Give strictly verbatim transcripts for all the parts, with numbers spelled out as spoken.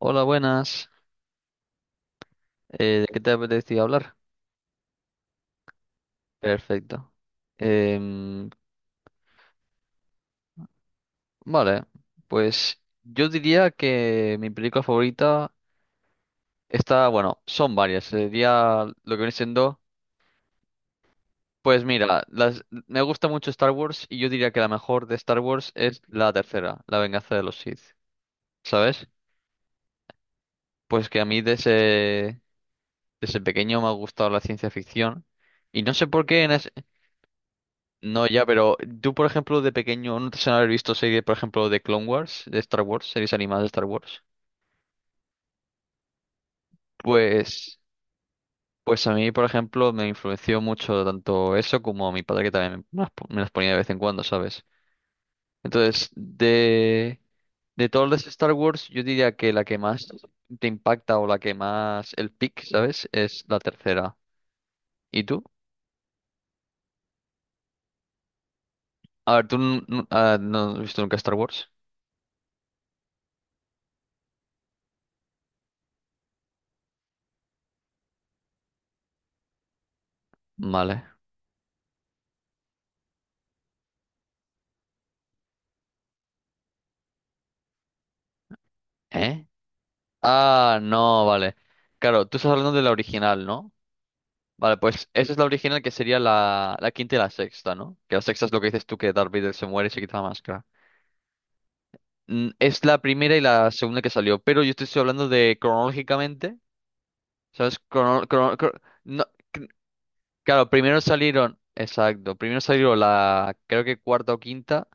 Hola, buenas. Eh, ¿de qué te apetecía hablar? Perfecto. Em, vale, pues yo diría que mi película favorita está, bueno, son varias. Sería lo que viene siendo, pues mira, las, me gusta mucho Star Wars y yo diría que la mejor de Star Wars es la tercera, La venganza de los Sith. ¿Sabes? Pues que a mí desde, desde pequeño me ha gustado la ciencia ficción y no sé por qué en, es- No, ya, pero tú, por ejemplo, de pequeño, no te suena haber visto series, por ejemplo, de Clone Wars, de Star Wars, series animadas de Star Wars. Pues, pues a mí, por ejemplo, me influenció mucho tanto eso como a mi padre que también me las po- me las ponía de vez en cuando, ¿sabes? Entonces, de, de todas las Star Wars, yo diría que la que más te impacta o la que más el pick, ¿sabes? Es la tercera. ¿Y tú? A ver, ¿tú n- n- ah, no has visto nunca Star Wars? Vale. ¿Eh? Ah, no, vale. Claro, tú estás hablando de la original, ¿no? Vale, pues esa es la original que sería la, la quinta y la sexta, ¿no? Que la sexta es lo que dices tú, que Darth Vader se muere y se quita la máscara. Mm, Es la primera y la segunda que salió, pero yo te estoy hablando de cronológicamente, ¿sabes? Crono- crono- cro- no, cr- Claro, primero salieron, exacto, primero salió la, creo que cuarta o quinta.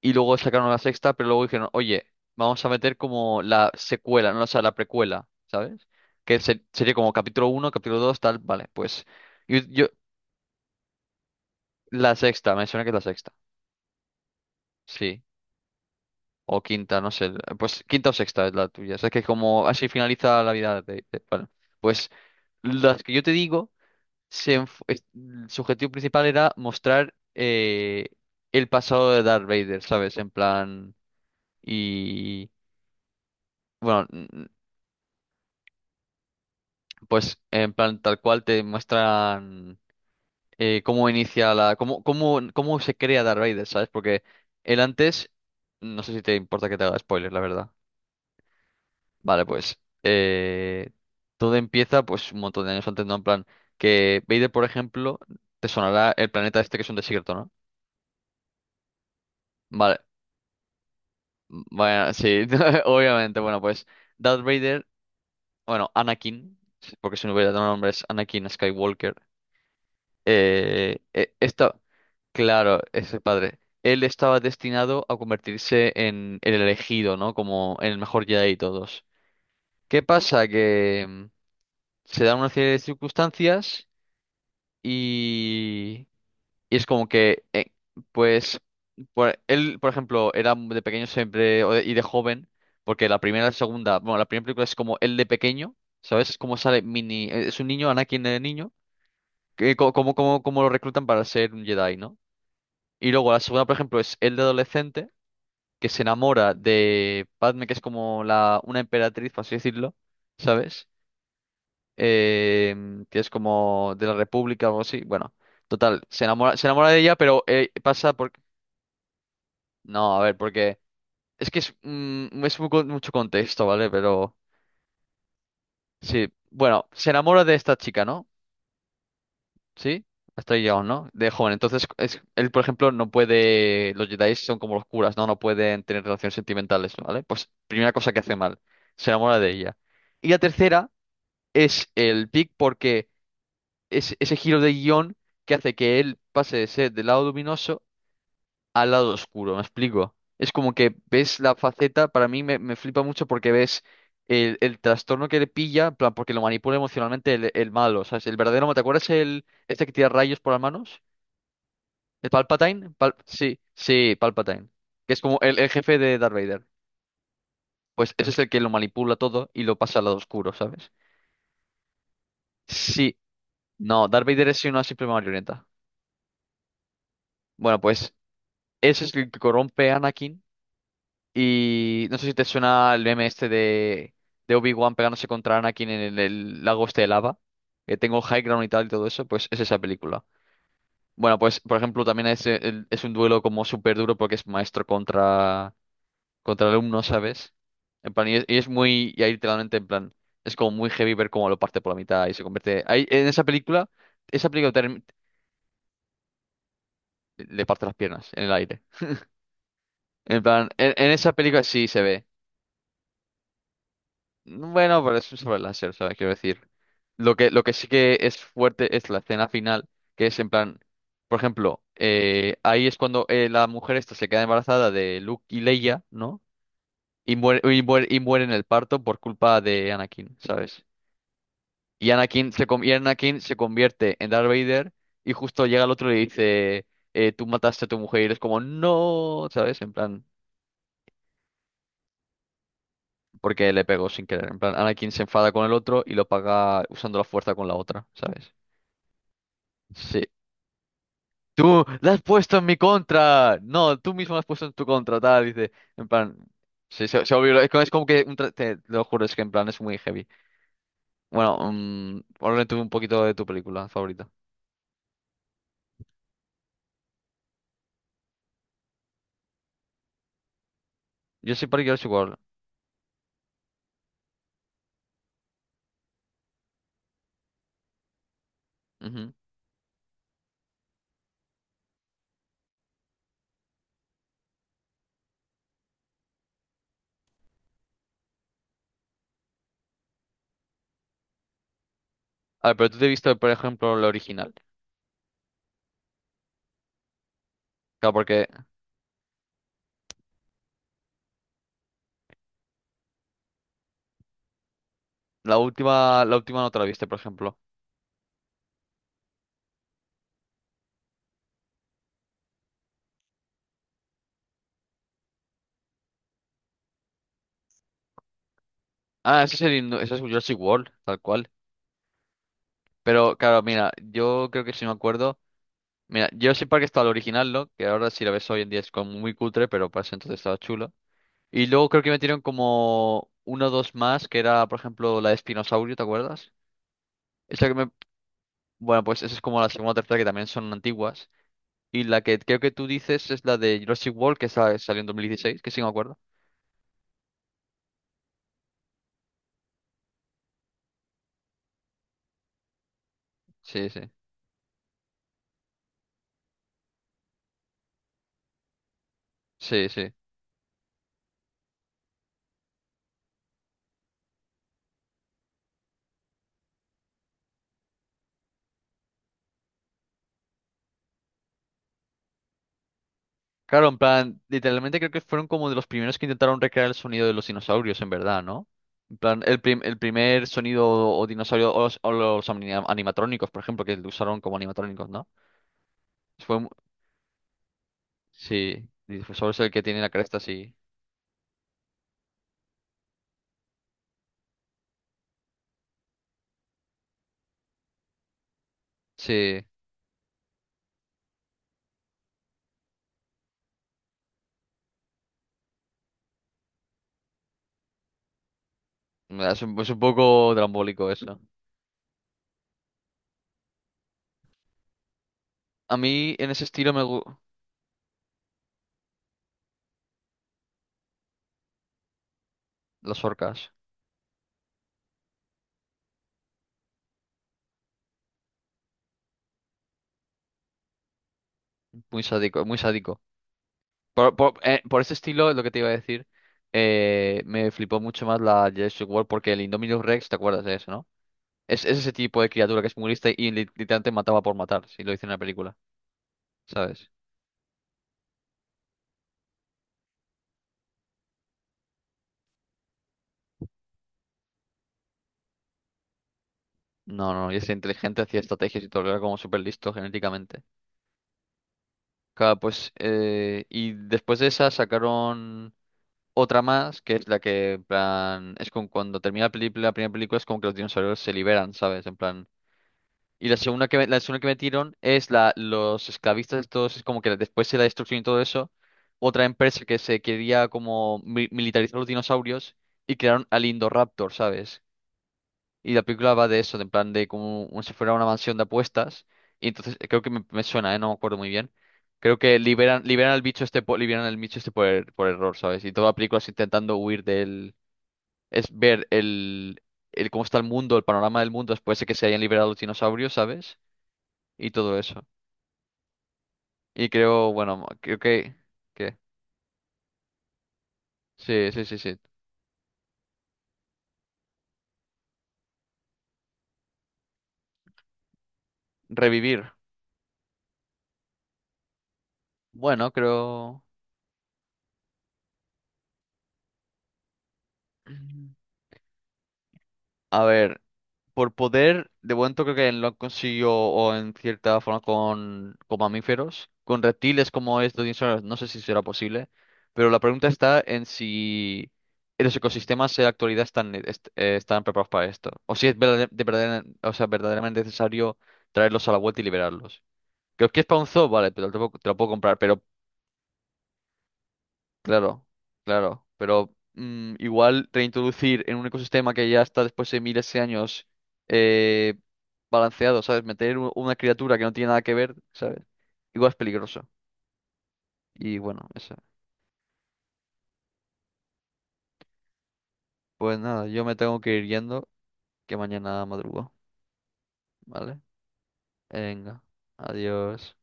Y luego sacaron la sexta, pero luego dijeron, oye, vamos a meter como la secuela, no, o sea, la precuela, ¿sabes? Que se- sería como capítulo uno, capítulo dos, tal, vale, pues yo, yo- la sexta, me suena que es la sexta, sí, o quinta, no sé, pues quinta o sexta es la tuya, o sea, que como así finaliza la vida de, de- vale. Pues las que yo te digo, se enf- es- su objetivo principal era mostrar eh, el pasado de Darth Vader, ¿sabes? En plan, y... Bueno, pues en plan tal cual te muestran eh, cómo inicia la, cómo, cómo, cómo se crea Darth Vader, ¿sabes? Porque él antes, no sé si te importa que te haga spoilers la verdad. Vale, pues eh, todo empieza pues un montón de años antes, ¿no? En plan que Vader, por ejemplo, te sonará el planeta este que es un desierto, ¿no? Vale, m- bueno, sí, obviamente, bueno, pues Darth Vader, bueno, Anakin, porque su verdadero nombre es Anakin Skywalker. Eh, e- esta, claro, es el padre. Él estaba destinado a convertirse en el elegido, ¿no? Como en el mejor Jedi de todos. ¿Qué pasa? Que mm, se dan una serie de circunstancias y, y es como que, eh, pues, por- él, por ejemplo, era de pequeño siempre o de- y de joven, porque la primera, la segunda, bueno, la primera película es como él de pequeño, ¿sabes? Es como sale mini, es un niño, Anakin de niño, que, co- como, como, como lo reclutan para ser un Jedi, ¿no? Y luego la segunda, por ejemplo, es el de adolescente, que se enamora de Padme, que es como la, una emperatriz, por así decirlo, ¿sabes? Em, que es como de la República o algo así. Bueno, total, se enamora, se enamora de ella, pero eh, pasa por... No, a ver, porque es que es, mm, es muy con- mucho contexto, ¿vale? Pero sí, bueno, se enamora de esta chica, ¿no? Sí, hasta ahí llegamos, ¿no? De joven. Entonces, es- él, por ejemplo, no puede. Los Jedi son como los curas, ¿no? No pueden tener relaciones sentimentales, ¿vale? Pues, primera cosa que hace mal. Se enamora de ella. Y la tercera es el pic, porque es ese giro de guión que hace que él pase de ser del lado luminoso al lado oscuro. ¿Me explico? Es como que ves la faceta, para mí me, me flipa mucho porque ves. El, el trastorno que le pilla, en plan, porque lo manipula emocionalmente el, el malo, ¿sabes? El verdadero, ¿te acuerdas el, este que tira rayos por las manos? ¿El Palpatine? Pal- sí, sí, Palpatine. Que es como el, el jefe de Darth Vader. Pues ese es el que lo manipula todo y lo pasa al lado oscuro, ¿sabes? Sí. No, Darth Vader es una simple marioneta. Bueno, pues ese es el que corrompe a Anakin. Y no sé si te suena el meme este de, de Obi-Wan pegándose contra Anakin en el, el lago este de lava. Que tengo high ground y tal y todo eso. Pues es esa película. Bueno, pues por ejemplo también es, el- es un duelo como súper duro porque es maestro contra... contra el alumno, ¿sabes? En plan, y es, y es muy, y ahí literalmente, en plan, es como muy heavy ver cómo lo parte por la mitad y se convierte. Ahí, en esa película, esa película term- le parte las piernas en el aire. En plan, en, en esa película sí se ve. Bueno, pero es un sobre láser, ¿sabes? Quiero decir. Lo que, lo que sí que es fuerte es la escena final, que es en plan, por ejemplo, eh, ahí es cuando eh, la mujer esta se queda embarazada de Luke y Leia, ¿no? Y muere, y muere, y muere en el parto por culpa de Anakin, ¿sabes? Y Anakin se, con- y Anakin se convierte en Darth Vader y justo llega el otro y le dice, eh, tú mataste a tu mujer y eres como, no, ¿sabes? En plan, porque le pegó sin querer. En plan, Anakin se enfada con el otro y lo paga usando la fuerza con la otra, ¿sabes? Sí. Tú la has puesto en mi contra. No, tú mismo la has puesto en tu contra, tal. Dice, en plan, sí, se, se volvió- Es como es como que, un tra- te, te lo juro, es que en plan es muy heavy. Bueno, mm, háblame tú un poquito de tu película favorita. Yo soy Parque igual. A ver, pero tú te viste, por ejemplo, la original. Claro, porque la última, la última no te la viste, por ejemplo. Ah, ese es el, himno- ese es Jurassic World, tal cual. Pero claro, mira, yo creo que si me acuerdo. Mira, Jurassic Park estaba el original, ¿no? Que ahora si la ves hoy en día es como muy cutre, pero para ese entonces estaba chulo. Y luego creo que metieron como uno o dos más, que era, por ejemplo, la de Espinosaurio, ¿te acuerdas? Esa que me... Bueno, pues esa es como la segunda o tercera que también son antiguas. Y la que creo que tú dices es la de Jurassic World, que sa- salió en dos mil dieciséis, que sí me acuerdo. Sí, sí. Sí, sí. Claro, en plan, literalmente creo que fueron como de los primeros que intentaron recrear el sonido de los dinosaurios, en verdad, ¿no? En plan, el, prim- el primer sonido o dinosaurio o los, o los ani- animatrónicos, por ejemplo, que lo usaron como animatrónicos, ¿no? Fue, mu- sí, Dinosaurio es el que tiene la cresta, sí. Sí, es un, es un poco drambólico eso. A mí en ese estilo me gustan las orcas, muy sádico, muy sádico. Por, por, eh, por ese estilo, es lo que te iba a decir, eh, me flipó mucho más la Jurassic World porque el Indominus Rex, ¿te acuerdas de eso, no? Es, es ese tipo de criatura que es muy lista y li- literalmente mataba por matar, si lo hice en la película, ¿sabes? No, no, y es inteligente, hacía estrategias y todo, era como súper listo genéticamente. Claro, pues, eh, y después de esa sacaron otra más, que es la que, en plan, es con cuando termina la película, la primera película es como que los dinosaurios se liberan, ¿sabes? En plan... Y la segunda que, me- la segunda que metieron es la, los esclavistas, todos, es como que después de la destrucción y todo eso, otra empresa que se quería como mi- militarizar los dinosaurios y crearon al Indoraptor, ¿sabes? Y la película va de eso, de en plan de como un- si fuera una mansión de apuestas. Y entonces eh, creo que me, me suena, ¿eh? No me acuerdo muy bien. Creo que liberan, liberan al bicho este, po- liberan al bicho este por, er- por error, ¿sabes? Y toda la película es intentando huir del... Es ver el, el cómo está el mundo, el panorama del mundo después de que se hayan liberado los dinosaurios, ¿sabes? Y todo eso. Y creo, bueno, creo que, que, sí, sí, sí, sí. Revivir. Bueno, creo, Mm. a ver, por poder, de momento creo que lo han conseguido o en cierta forma con, con mamíferos, con reptiles como estos dinosaurios, no sé si será posible, pero la pregunta está en si los ecosistemas en la actualidad están, eh, est- eh, están preparados para esto, o si es verdader- de verdader- o sea, verdaderamente necesario traerlos a la vuelta y liberarlos. Creo que es para un zoo, vale, pero te lo puedo te lo puedo comprar, pero claro, claro, pero mm, igual reintroducir en un ecosistema que ya está después de miles de años eh, balanceado, ¿sabes? Meter u- una criatura que no tiene nada que ver, ¿sabes? Igual es peligroso. Y bueno, eso. Pues nada, yo me tengo que ir yendo, que mañana madrugo, ¿vale? Venga, adiós.